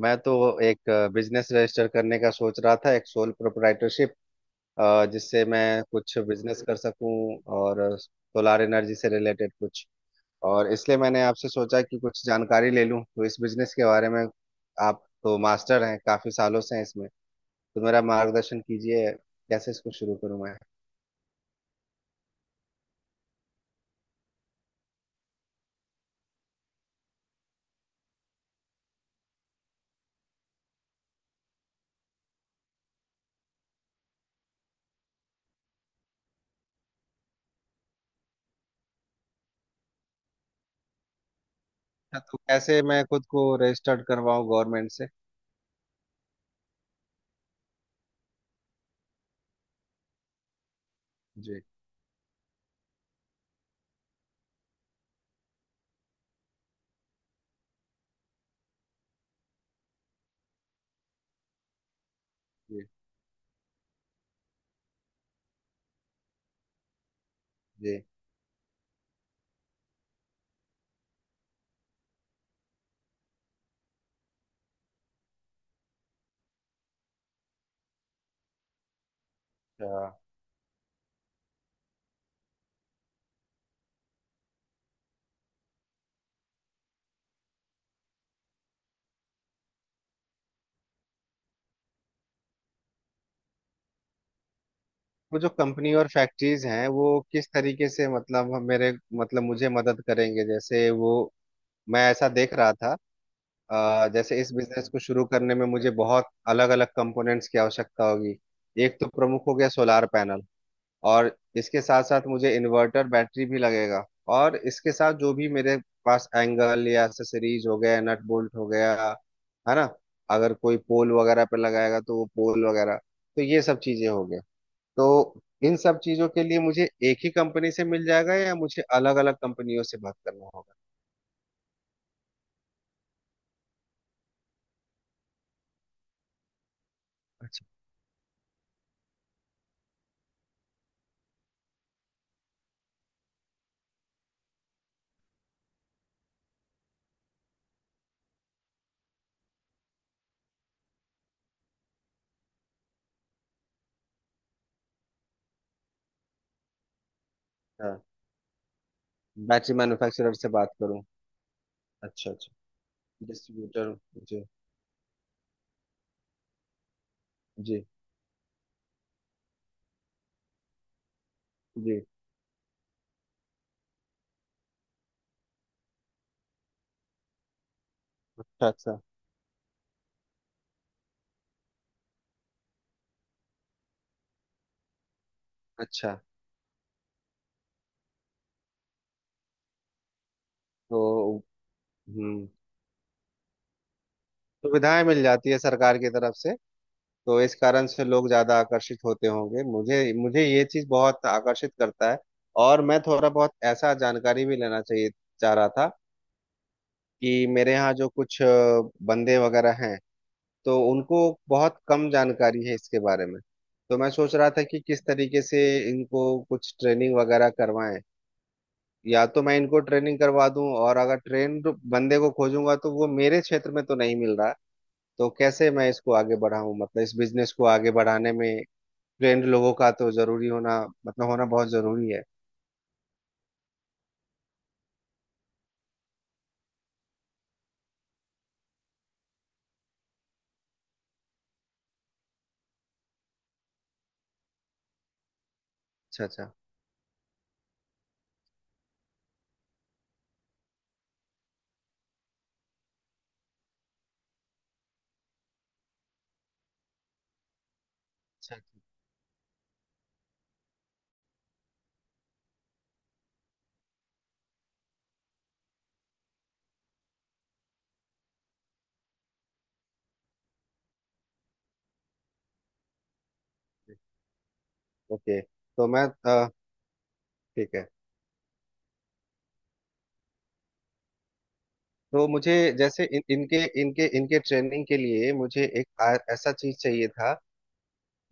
मैं तो एक बिजनेस रजिस्टर करने का सोच रहा था। एक सोल प्रोप्राइटरशिप जिससे मैं कुछ बिजनेस कर सकूं और सोलार एनर्जी से रिलेटेड कुछ। और इसलिए मैंने आपसे सोचा कि कुछ जानकारी ले लूं तो इस बिजनेस के बारे में। आप तो मास्टर हैं, काफी सालों से हैं इसमें, तो मेरा मार्गदर्शन कीजिए। कैसे इसको शुरू करूं मैं? अच्छा, तो कैसे मैं खुद को रजिस्टर्ड करवाऊं गवर्नमेंट से? जी जी जी। अच्छा, वो जो कंपनी और फैक्ट्रीज हैं वो किस तरीके से, मतलब मेरे मतलब मुझे मदद करेंगे? जैसे वो, मैं ऐसा देख रहा था। जैसे इस बिजनेस को शुरू करने में मुझे बहुत अलग अलग कंपोनेंट्स की आवश्यकता होगी। एक तो प्रमुख हो गया सोलार पैनल, और इसके साथ साथ मुझे इन्वर्टर बैटरी भी लगेगा। और इसके साथ जो भी मेरे पास एंगल या एक्सेसरीज हो गया, नट बोल्ट हो गया, है ना। अगर कोई पोल वगैरह पे लगाएगा तो वो पोल वगैरह, तो ये सब चीजें हो गई तो इन सब चीजों के लिए मुझे एक ही कंपनी से मिल जाएगा या मुझे अलग अलग कंपनियों से बात करना होगा? अच्छा। हाँ, बैटरी मैन्युफैक्चरर से बात करूं? अच्छा अच्छा, डिस्ट्रीब्यूटर। जी जी जी। अच्छा अच्छा। अच्छा। तो हम्म, सुविधाएं मिल जाती है सरकार की तरफ से। तो इस कारण से लोग ज्यादा आकर्षित होते होंगे। मुझे मुझे ये चीज बहुत आकर्षित करता है। और मैं थोड़ा बहुत ऐसा जानकारी भी लेना चाहिए, चाह रहा था। कि मेरे यहाँ जो कुछ बंदे वगैरह हैं, तो उनको बहुत कम जानकारी है इसके बारे में। तो मैं सोच रहा था कि किस तरीके से इनको कुछ ट्रेनिंग वगैरह करवाएं, या तो मैं इनको ट्रेनिंग करवा दूं, और अगर ट्रेन बंदे को खोजूंगा तो वो मेरे क्षेत्र में तो नहीं मिल रहा। तो कैसे मैं इसको आगे बढ़ाऊं, मतलब इस बिजनेस को आगे बढ़ाने में। ट्रेंड लोगों का तो जरूरी होना, मतलब होना बहुत जरूरी है। अच्छा अच्छा। अच्छा। ओके, तो मैं ठीक है। तो मुझे, जैसे इन, इनके इनके इनके ट्रेनिंग के लिए मुझे एक ऐसा चीज चाहिए था।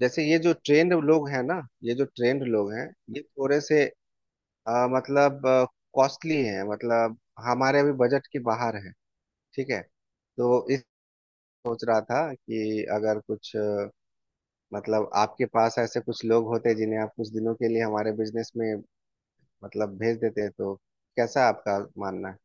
जैसे ये जो ट्रेंड लोग हैं ना, ये जो ट्रेंड लोग हैं, ये थोड़े से मतलब कॉस्टली हैं, मतलब हमारे अभी बजट के बाहर है। ठीक है, तो इस सोच रहा था कि अगर कुछ मतलब आपके पास ऐसे कुछ लोग होते जिन्हें आप कुछ दिनों के लिए हमारे बिजनेस में मतलब भेज देते, तो कैसा आपका मानना है?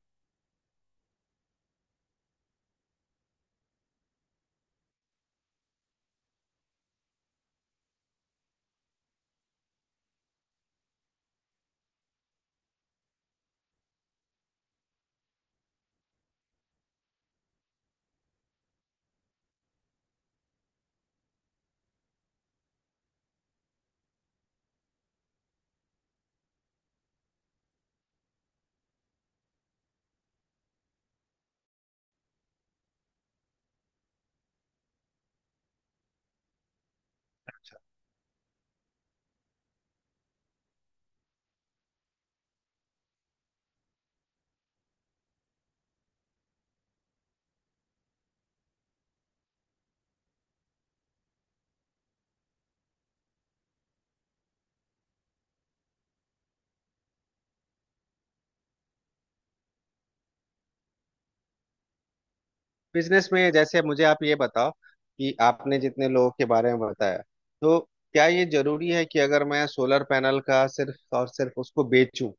बिजनेस में जैसे मुझे आप ये बताओ कि आपने जितने लोगों के बारे में बताया, तो क्या ये जरूरी है कि अगर मैं सोलर पैनल का सिर्फ और सिर्फ उसको बेचूं,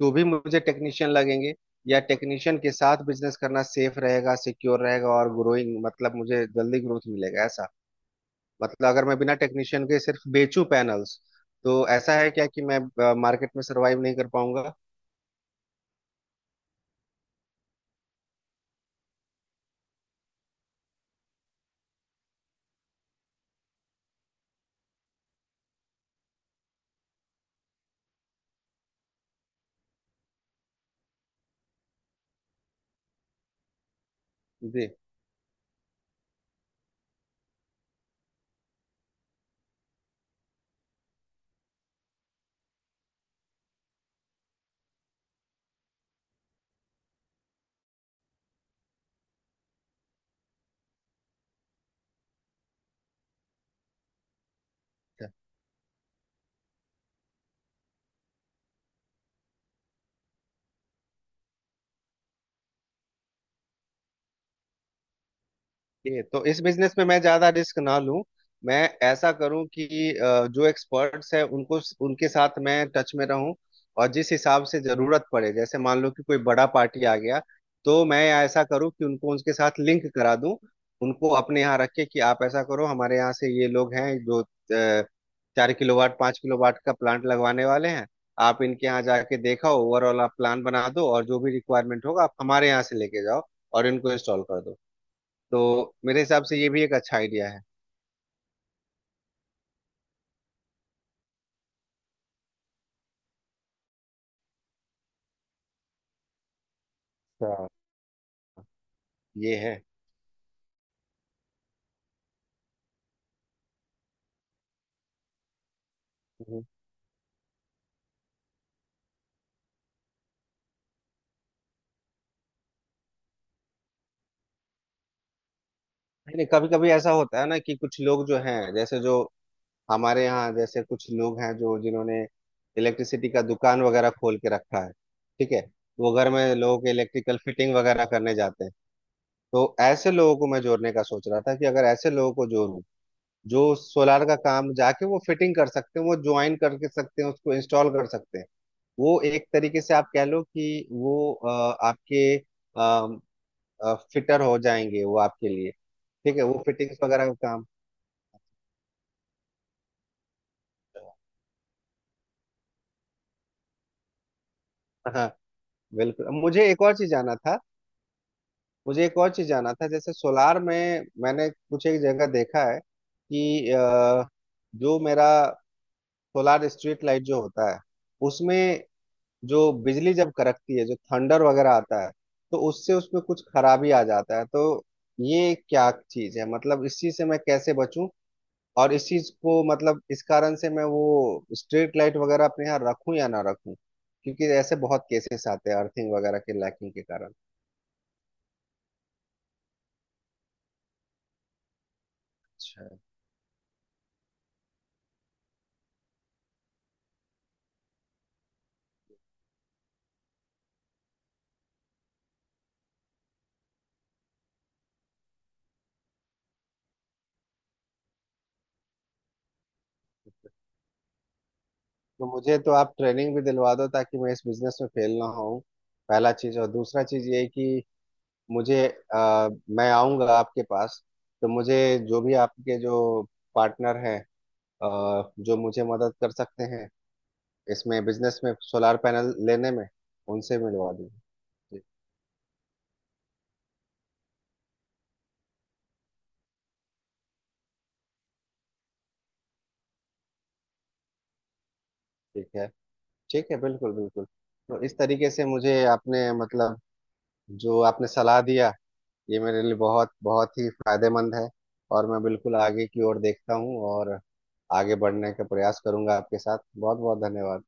तो भी मुझे टेक्नीशियन लगेंगे? या टेक्नीशियन के साथ बिजनेस करना सेफ रहेगा, सिक्योर रहेगा और ग्रोइंग, मतलब मुझे जल्दी ग्रोथ मिलेगा ऐसा? मतलब अगर मैं बिना टेक्नीशियन के सिर्फ बेचूं पैनल्स, तो ऐसा है क्या कि मैं मार्केट में सरवाइव नहीं कर पाऊंगा? जी। ये तो, इस बिजनेस में मैं ज्यादा रिस्क ना लूं। मैं ऐसा करूं कि जो एक्सपर्ट्स हैं उनको, उनके साथ मैं टच में रहूं। और जिस हिसाब से जरूरत पड़े, जैसे मान लो कि कोई बड़ा पार्टी आ गया, तो मैं ऐसा करूं कि उनको, उनके साथ लिंक करा दूं। उनको अपने यहाँ रख के, कि आप ऐसा करो, हमारे यहाँ से ये लोग हैं जो 4 किलोवाट 5 किलोवाट का प्लांट लगवाने वाले हैं। आप इनके यहाँ जाके देखा, ओवरऑल आप प्लान बना दो और जो भी रिक्वायरमेंट होगा आप हमारे यहाँ से लेके जाओ और इनको इंस्टॉल कर दो। तो मेरे हिसाब से ये भी एक अच्छा आइडिया है। अच्छा, ये है। हम्म। नहीं नहीं, कभी कभी ऐसा होता है ना कि कुछ लोग जो हैं, जैसे जो हमारे यहाँ जैसे कुछ लोग हैं जो जिन्होंने इलेक्ट्रिसिटी का दुकान वगैरह खोल के रखा है, ठीक है। वो घर में लोगों के इलेक्ट्रिकल फिटिंग वगैरह करने जाते हैं। तो ऐसे लोगों को मैं जोड़ने का सोच रहा था कि अगर ऐसे लोगों को जोड़ूं जो सोलार का काम जाके वो फिटिंग कर सकते हैं, वो ज्वाइन करके सकते हैं, उसको इंस्टॉल कर सकते हैं। वो एक तरीके से आप कह लो कि वो आपके फिटर हो जाएंगे, वो आपके लिए ठीक है वो फिटिंग्स वगैरह का काम। हाँ बिल्कुल, मुझे एक और चीज जाना था। मुझे एक और चीज जाना था, जैसे सोलार में मैंने कुछ एक जगह देखा है कि जो मेरा सोलार स्ट्रीट लाइट जो होता है उसमें, जो बिजली जब कड़कती है, जो थंडर वगैरह आता है, तो उससे उसमें कुछ खराबी आ जाता है। तो ये क्या चीज है? मतलब इस चीज से मैं कैसे बचूं, और इस चीज को मतलब इस कारण से मैं वो स्ट्रीट लाइट वगैरह अपने यहाँ रखूं या ना रखूं? क्योंकि ऐसे बहुत केसेस आते हैं अर्थिंग वगैरह के लैकिंग के कारण। अच्छा, तो मुझे तो आप ट्रेनिंग भी दिलवा दो ताकि मैं इस बिजनेस में फेल ना हो, पहला चीज। और दूसरा चीज ये कि मुझे मैं आऊंगा आपके पास तो मुझे जो भी आपके जो पार्टनर हैं, जो मुझे मदद कर सकते हैं इसमें बिजनेस में, सोलार पैनल लेने में, उनसे मिलवा दीजिए। ठीक। ठीक है। ठीक है, बिल्कुल बिल्कुल। तो इस तरीके से मुझे आपने, मतलब जो आपने सलाह दिया, ये मेरे लिए बहुत बहुत ही फायदेमंद है। और मैं बिल्कुल आगे की ओर देखता हूँ और आगे बढ़ने का प्रयास करूंगा आपके साथ। बहुत बहुत धन्यवाद।